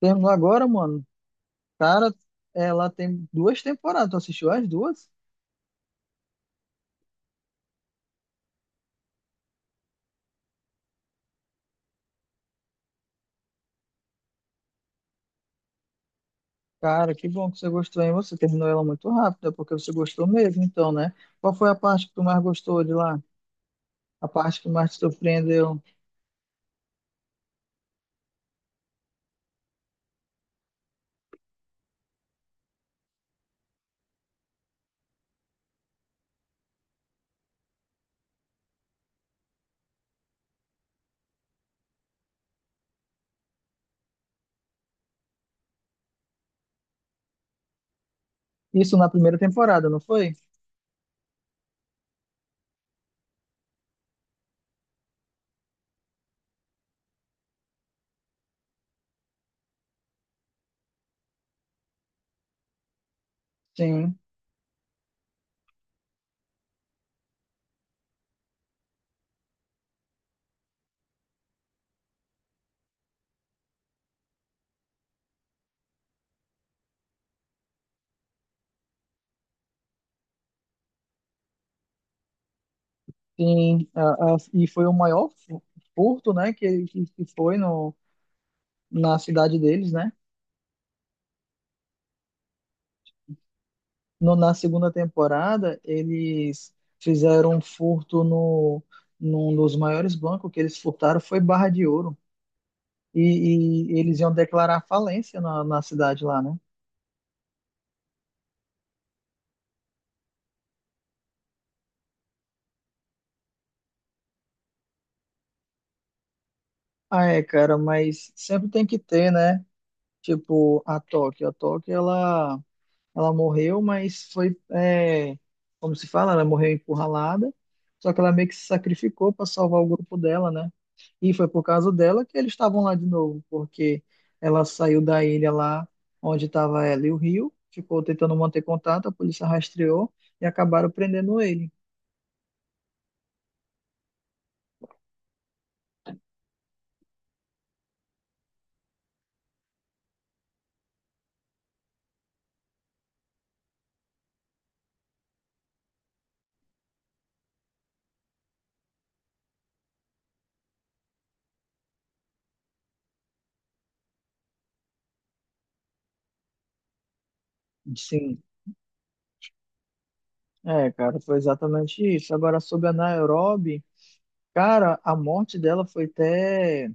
Temos agora, mano. Cara, ela tem duas temporadas. Tu assistiu as duas? Cara, que bom que você gostou, hein? Você terminou ela muito rápido, é porque você gostou mesmo, então, né? Qual foi a parte que tu mais gostou de lá? A parte que mais te surpreendeu? Isso na primeira temporada, não foi? Sim, sim. E foi o maior furto, né? Que foi no, na cidade deles, né? Na segunda temporada, eles fizeram um furto no, num dos maiores bancos que eles furtaram, foi Barra de Ouro. E eles iam declarar falência na cidade lá, né? Ah, é, cara, mas sempre tem que ter, né? Tipo, a Tóquio. A Tóquio, ela... Ela morreu, mas foi, é, como se fala, ela morreu encurralada, só que ela meio que se sacrificou para salvar o grupo dela, né? E foi por causa dela que eles estavam lá de novo, porque ela saiu da ilha lá onde estava ela e o Rio, ficou tentando manter contato, a polícia rastreou e acabaram prendendo ele. Sim, é, cara, foi exatamente isso. Agora, sobre a Nairobi, cara, a morte dela foi até...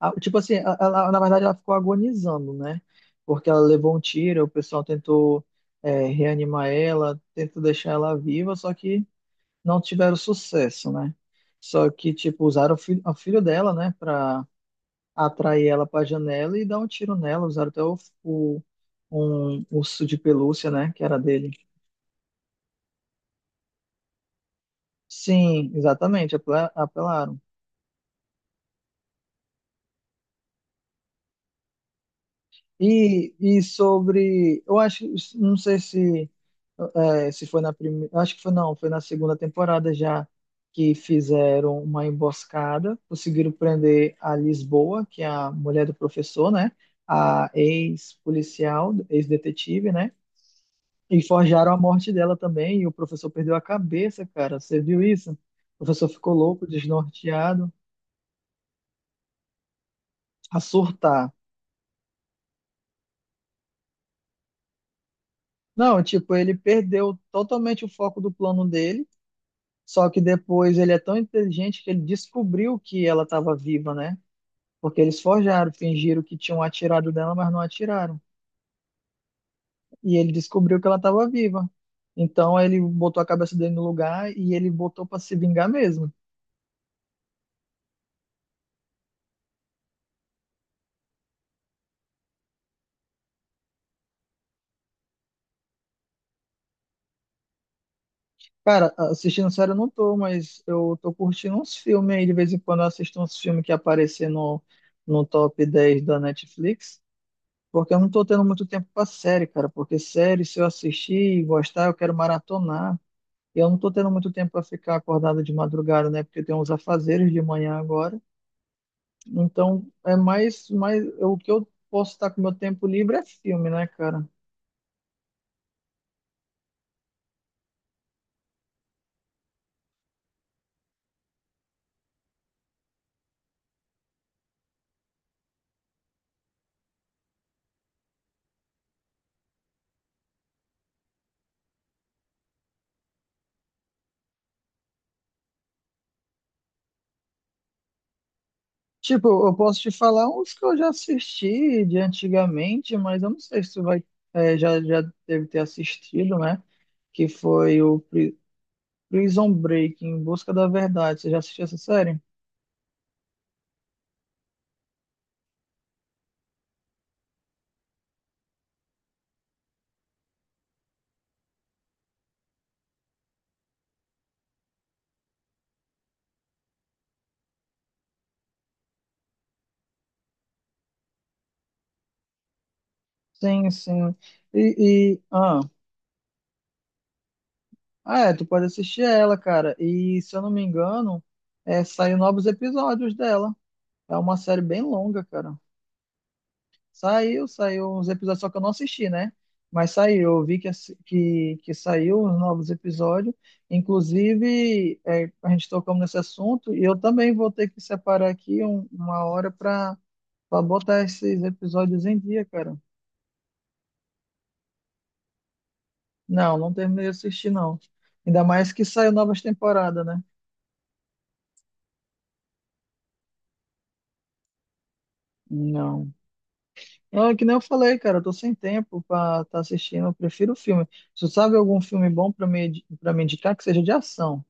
Ah, tipo assim, ela, na verdade ela ficou agonizando, né? Porque ela levou um tiro, o pessoal tentou reanimar ela, tentou deixar ela viva, só que não tiveram sucesso, né? Só que, tipo, usaram o filho dela, né, pra atrair ela pra janela e dar um tiro nela. Usaram até o, um urso de pelúcia, né, que era dele. Sim, exatamente, apelaram. E sobre, eu acho, não sei se é, se foi na primeira, acho que foi não, foi na segunda temporada já que fizeram uma emboscada, conseguiram prender a Lisboa, que é a mulher do professor, né? A ex-policial, ex-detetive, né? E forjaram a morte dela também, e o professor perdeu a cabeça, cara. Você viu isso? O professor ficou louco, desnorteado, a surtar. Não, tipo, ele perdeu totalmente o foco do plano dele. Só que depois ele é tão inteligente que ele descobriu que ela estava viva, né? Porque eles forjaram, fingiram que tinham atirado dela, mas não atiraram. E ele descobriu que ela estava viva. Então ele botou a cabeça dele no lugar e ele botou para se vingar mesmo. Cara, assistindo série eu não tô, mas eu tô curtindo uns filmes aí. De vez em quando eu assisto uns filmes que aparecem no top 10 da Netflix. Porque eu não tô tendo muito tempo pra série, cara. Porque série, se eu assistir e gostar, eu quero maratonar. Eu não estou tendo muito tempo para ficar acordado de madrugada, né? Porque tem uns afazeres de manhã agora. Então, é mais o que eu posso estar com meu tempo livre é filme, né, cara? Tipo, eu posso te falar uns que eu já assisti de antigamente, mas eu não sei se tu vai, já deve ter assistido, né? Que foi o Prison Break, Em Busca da Verdade. Você já assistiu essa série? Sim, sim. E, e- ah, Ah, é, tu pode assistir ela, cara. E se eu não me engano, saiu novos episódios dela. É uma série bem longa, cara. Saiu uns episódios, só que eu não assisti, né? Mas saiu, eu vi que, que saiu os novos episódios. Inclusive, a gente tocou nesse assunto e eu também vou ter que separar aqui uma hora para botar esses episódios em dia, cara. Não, não terminei de assistir, não. Ainda mais que saiu novas temporadas, né? Não. É que nem eu falei, cara, eu tô sem tempo pra estar assistindo, eu prefiro filme. Se tu sabe algum filme bom pra pra me indicar que seja de ação.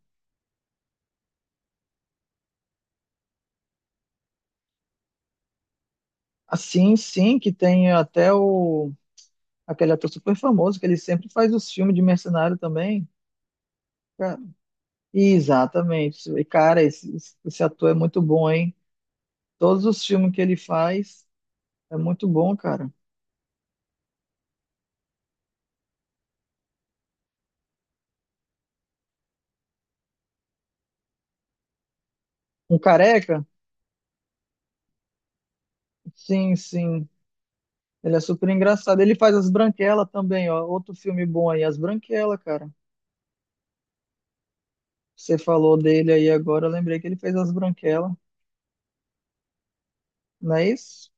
Assim, sim, que tem até o... aquele ator super famoso, que ele sempre faz os filmes de mercenário também. Ca- Exatamente. E, cara, esse ator é muito bom, hein? Todos os filmes que ele faz é muito bom, cara. Um careca? Sim, sim. Ele é super engraçado. Ele faz As Branquelas também, ó. Outro filme bom aí, As Branquelas, cara. Você falou dele aí agora, eu lembrei que ele fez As Branquelas, não é isso?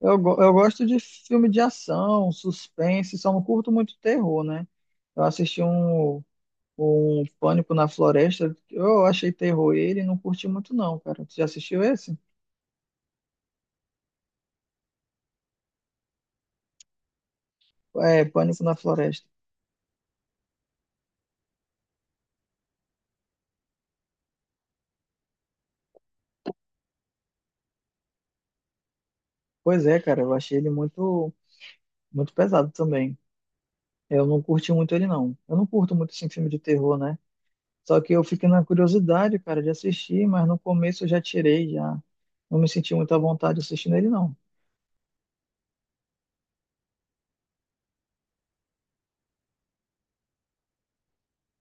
Eu gosto de filme de ação, suspense, só não curto muito terror, né? Eu assisti um Pânico na Floresta, eu achei terror ele, e não curti muito não, cara. Você já assistiu esse? É, Pânico na Floresta. Pois é, cara, eu achei ele muito, muito pesado também. Eu não curti muito ele não. Eu não curto muito assim, filme de terror, né? Só que eu fiquei na curiosidade, cara, de assistir, mas no começo eu já tirei, já. Não me senti muito à vontade assistindo ele, não.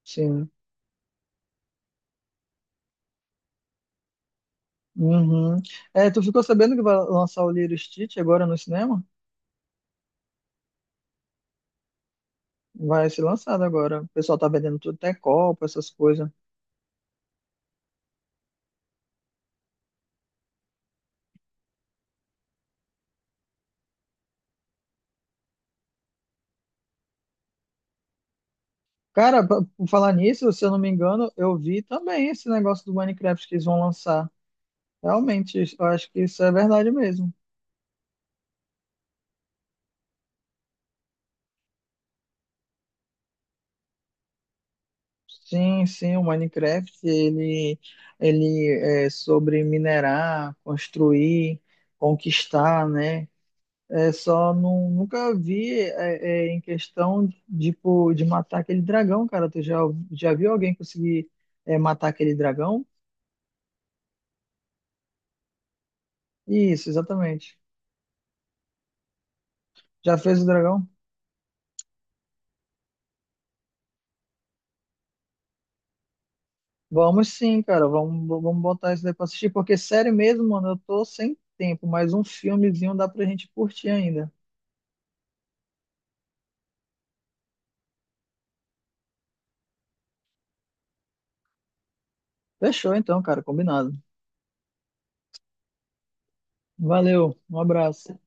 Sim. Uhum. É, tu ficou sabendo que vai lançar o Lilo e Stitch agora no cinema? Vai ser lançado agora. O pessoal tá vendendo tudo, até copo, essas coisas. Cara, por falar nisso, se eu não me engano, eu vi também esse negócio do Minecraft que eles vão lançar. Realmente, eu acho que isso é verdade mesmo. Sim, sim, o Minecraft ele, ele é sobre minerar, construir, conquistar, né? É só não, nunca vi em questão tipo, de matar aquele dragão, cara. Já viu alguém conseguir matar aquele dragão? Isso, exatamente. Já fez o dragão? Vamos sim, cara. Vamos botar isso daí pra assistir, porque sério mesmo, mano, eu tô sem tempo, mas um filmezinho dá pra gente curtir ainda. Fechou então, cara, combinado. Valeu, um abraço.